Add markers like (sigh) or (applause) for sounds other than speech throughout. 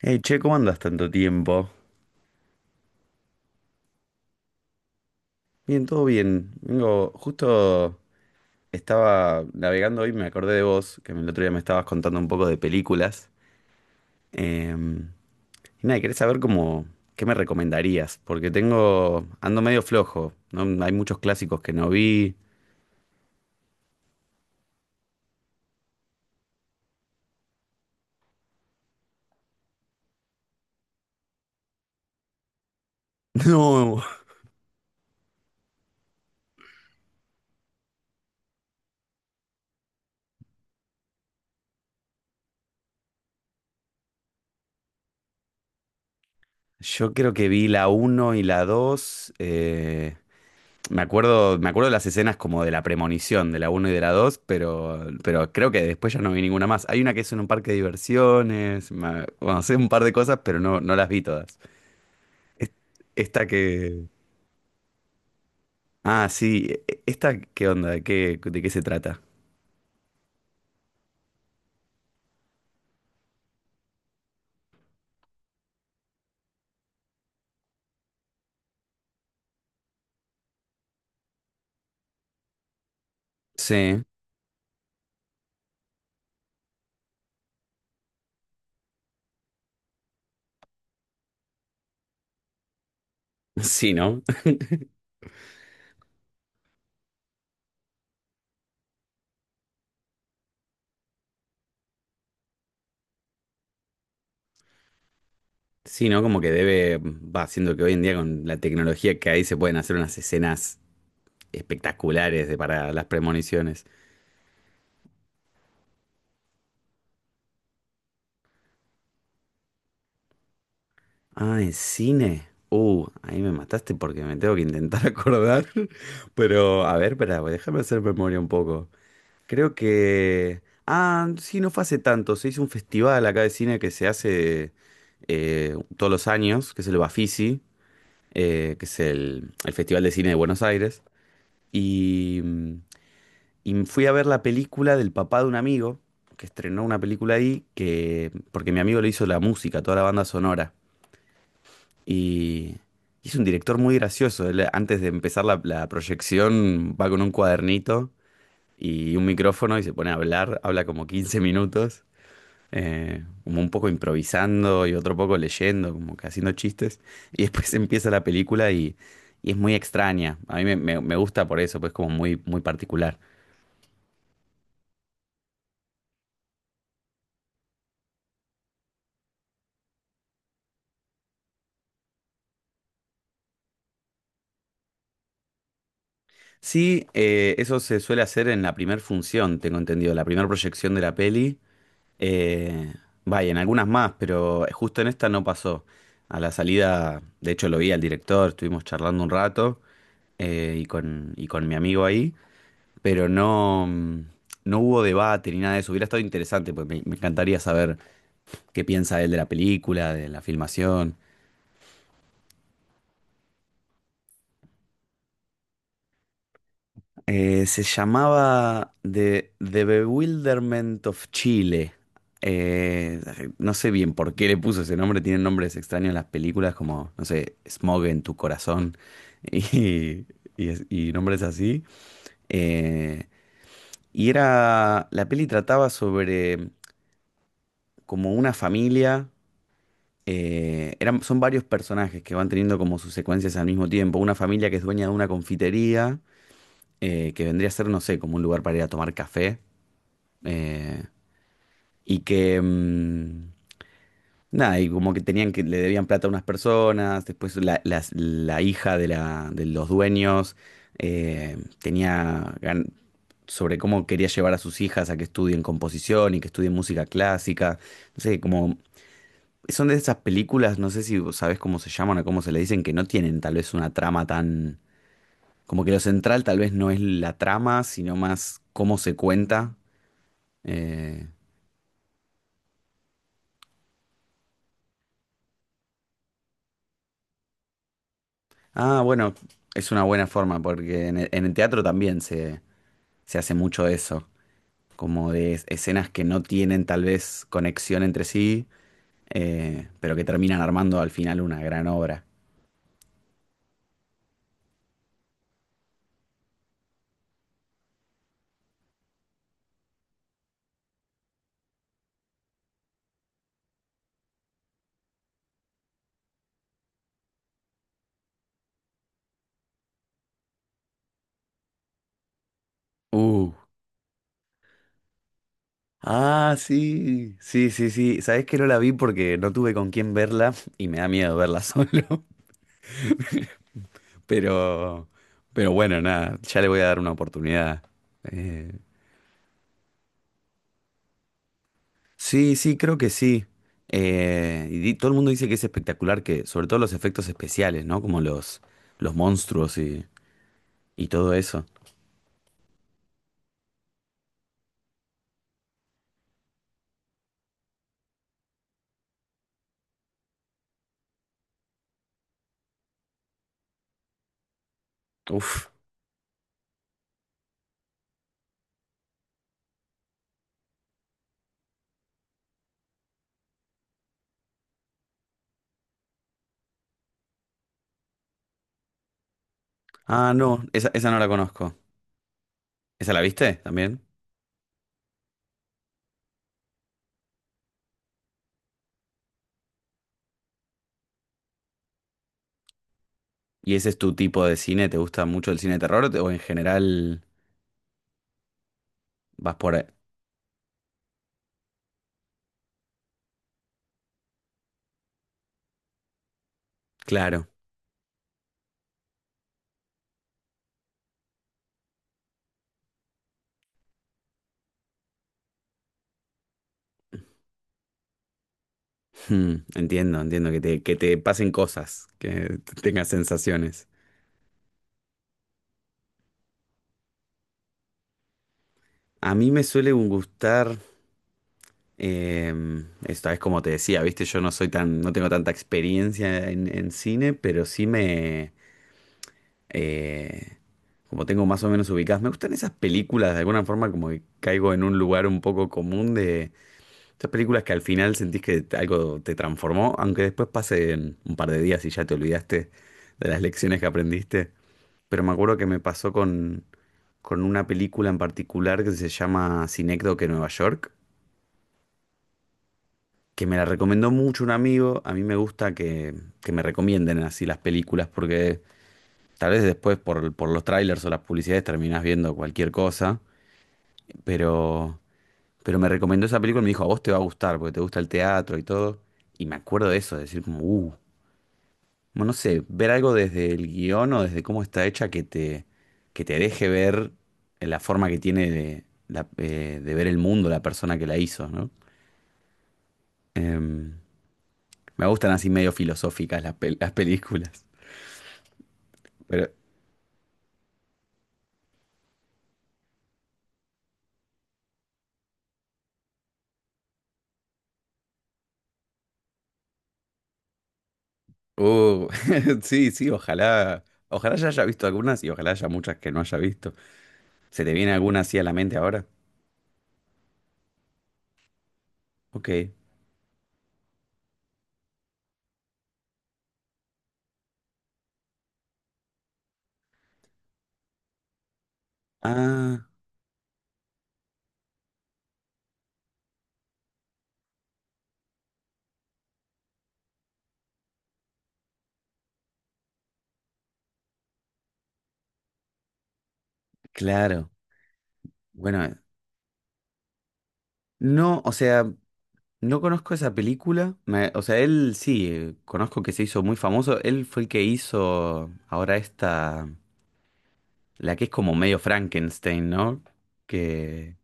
Hey, che, ¿cómo andas tanto tiempo? Bien, todo bien. Vengo, justo estaba navegando hoy, y me acordé de vos, que el otro día me estabas contando un poco de películas. Em, y nada, quería saber cómo, qué me recomendarías, porque tengo, ando medio flojo, ¿no? Hay muchos clásicos que no vi. (laughs) No, yo creo que vi la uno y la 2. Me acuerdo de las escenas como de la premonición, de la uno y de la 2, pero creo que después ya no vi ninguna más. Hay una que es en un parque de diversiones, bueno, sé un par de cosas, pero no, no las vi todas. Es- Esta que... Ah, sí, esta, ¿qué onda? De qué se trata? Sí, sí, ¿no? (laughs) Sí, ¿no? Como que debe, va, siendo que hoy en día con la tecnología que hay se pueden hacer unas escenas espectaculares para las premoniciones. Ah, en cine. Ahí me mataste porque me tengo que intentar (laughs) acordar. Pero, a ver, espera, pues, déjame hacer memoria un poco. Creo que... Ah, sí, no fue hace tanto. Se hizo un festival acá de cine que se hace todos los años, que es el Bafisi, que es el Festival de Cine de Buenos Aires. Y, y fui a ver la película del papá de un amigo, que estrenó una película ahí, que, porque mi amigo le hizo la música, toda la banda sonora. Y, y es un director muy gracioso. Él, antes de empezar la proyección, va con un cuadernito y un micrófono y se pone a hablar. Habla como 15 minutos, como un poco improvisando y otro poco leyendo, como que haciendo chistes. Y después (laughs) empieza la película y es muy extraña. A mí me, me gusta por eso, pues como muy, muy particular. Sí, eso se suele hacer en la primera función, tengo entendido, la primera proyección de la peli. Eh, Vaya, en algunas más, pero justo en esta no pasó. A la salida, de hecho lo vi al director, estuvimos charlando un rato y con mi amigo ahí, pero no, no hubo debate ni nada de eso. Hubiera estado interesante, porque me encantaría saber qué piensa él de la película, de la filmación. Se llamaba The Bewilderment of Chile. Eh, no sé bien por qué le puso ese nombre, tienen nombres extraños las películas como, no sé, Smog en tu corazón (laughs) y, y nombres así. Eh, y era, la peli trataba sobre como una familia, eran, son varios personajes que van teniendo como sus secuencias al mismo tiempo. Una familia que es dueña de una confitería, que vendría a ser, no sé, como un lugar para ir a tomar café. eh, y que, nada, y como que tenían que, le debían plata a unas personas, después la, la hija de, la, de los dueños eh, tenía gan- sobre cómo quería llevar a sus hijas a que estudien composición y que estudien música clásica, no sé, como... Son de esas películas, no sé si vos sabés cómo se llaman o cómo se le dicen, que no tienen tal vez una trama tan... Como que lo central tal vez no es la trama, sino más cómo se cuenta. Eh, Ah, bueno, es una buena forma porque en el teatro también se hace mucho eso, como de escenas que no tienen tal vez conexión entre sí, pero que terminan armando al final una gran obra. Uh, ah, sí, sí, sí, sí. Sabés que no la vi porque no tuve con quién verla y me da miedo verla (laughs) solo, pero, pero bueno, nada, ya le voy a dar una oportunidad. Eh, Sí, sí, creo que sí. Y todo el mundo dice que es espectacular, que sobre todo los efectos especiales, ¿no? Como los monstruos y todo eso. Uf. Ah, no, esa no la conozco. ¿Esa la viste también? ¿Y ese es tu tipo de cine? ¿Te gusta mucho el cine de terror o o en general vas por... ahí? Claro. Hmm, entiendo, entiendo que te pasen cosas, que tengas sensaciones. A mí me suele gustar... Esta vez, como te decía, viste, yo no soy tan, no tengo tanta experiencia en cine, pero sí me, eh, como tengo más o menos ubicadas, me gustan esas películas, de alguna forma como que caigo en un lugar un poco común de esas películas que al final sentís que algo te transformó, aunque después pasen un par de días y ya te olvidaste de las lecciones que aprendiste. Pero me acuerdo que me pasó con una película en particular que se llama Cinécdoque Nueva York que me la recomendó mucho un amigo. A mí me gusta que me recomienden así las películas porque tal vez después por los trailers o las publicidades terminás viendo cualquier cosa. Pero, pero me recomendó esa película y me dijo, a vos te va a gustar porque te gusta el teatro y todo. Y me acuerdo de eso, de decir como, bueno, no sé, ver algo desde el guión o desde cómo está hecha que te deje ver la forma que tiene de, de ver el mundo la persona que la hizo, ¿no? Em, Me gustan así medio filosóficas las películas. Pero, uh, (laughs) sí, sí, ojalá, ojalá ya haya visto algunas y ojalá haya muchas que no haya visto. ¿Se te viene alguna así a la mente ahora? Ok. Ah, claro. Bueno, no, o sea, no conozco esa película. O sea, él sí, conozco que se hizo muy famoso. Él fue el que hizo ahora esta, la que es como medio Frankenstein, ¿no? Que...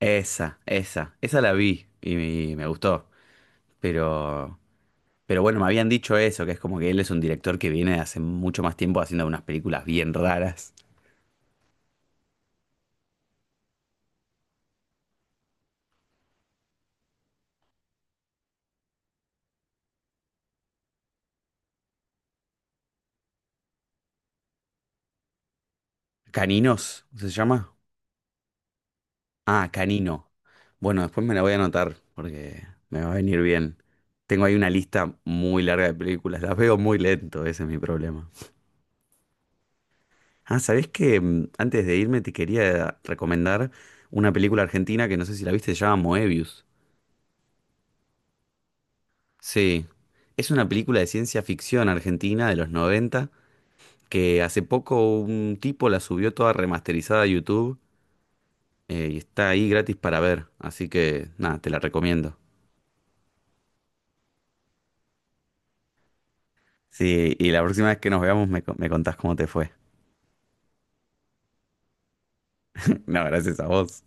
Esa la vi y me gustó. Pero Pero bueno, me habían dicho eso, que es como que él es un director que viene de hace mucho más tiempo haciendo unas películas bien raras. ¿Caninos? ¿Se llama? Ah, Canino. Bueno, después me la voy a anotar porque me va a venir bien. Tengo ahí una lista muy larga de películas, las veo muy lento, ese es mi problema. Ah, ¿sabés que antes de irme te quería recomendar una película argentina que no sé si la viste, se llama Moebius? Sí, es una película de ciencia ficción argentina de los 90 que hace poco un tipo la subió toda remasterizada a YouTube y está ahí gratis para ver. Así que nada, te la recomiendo. Sí, y la próxima vez que nos veamos me, me contás cómo te fue. (laughs) No, gracias a vos.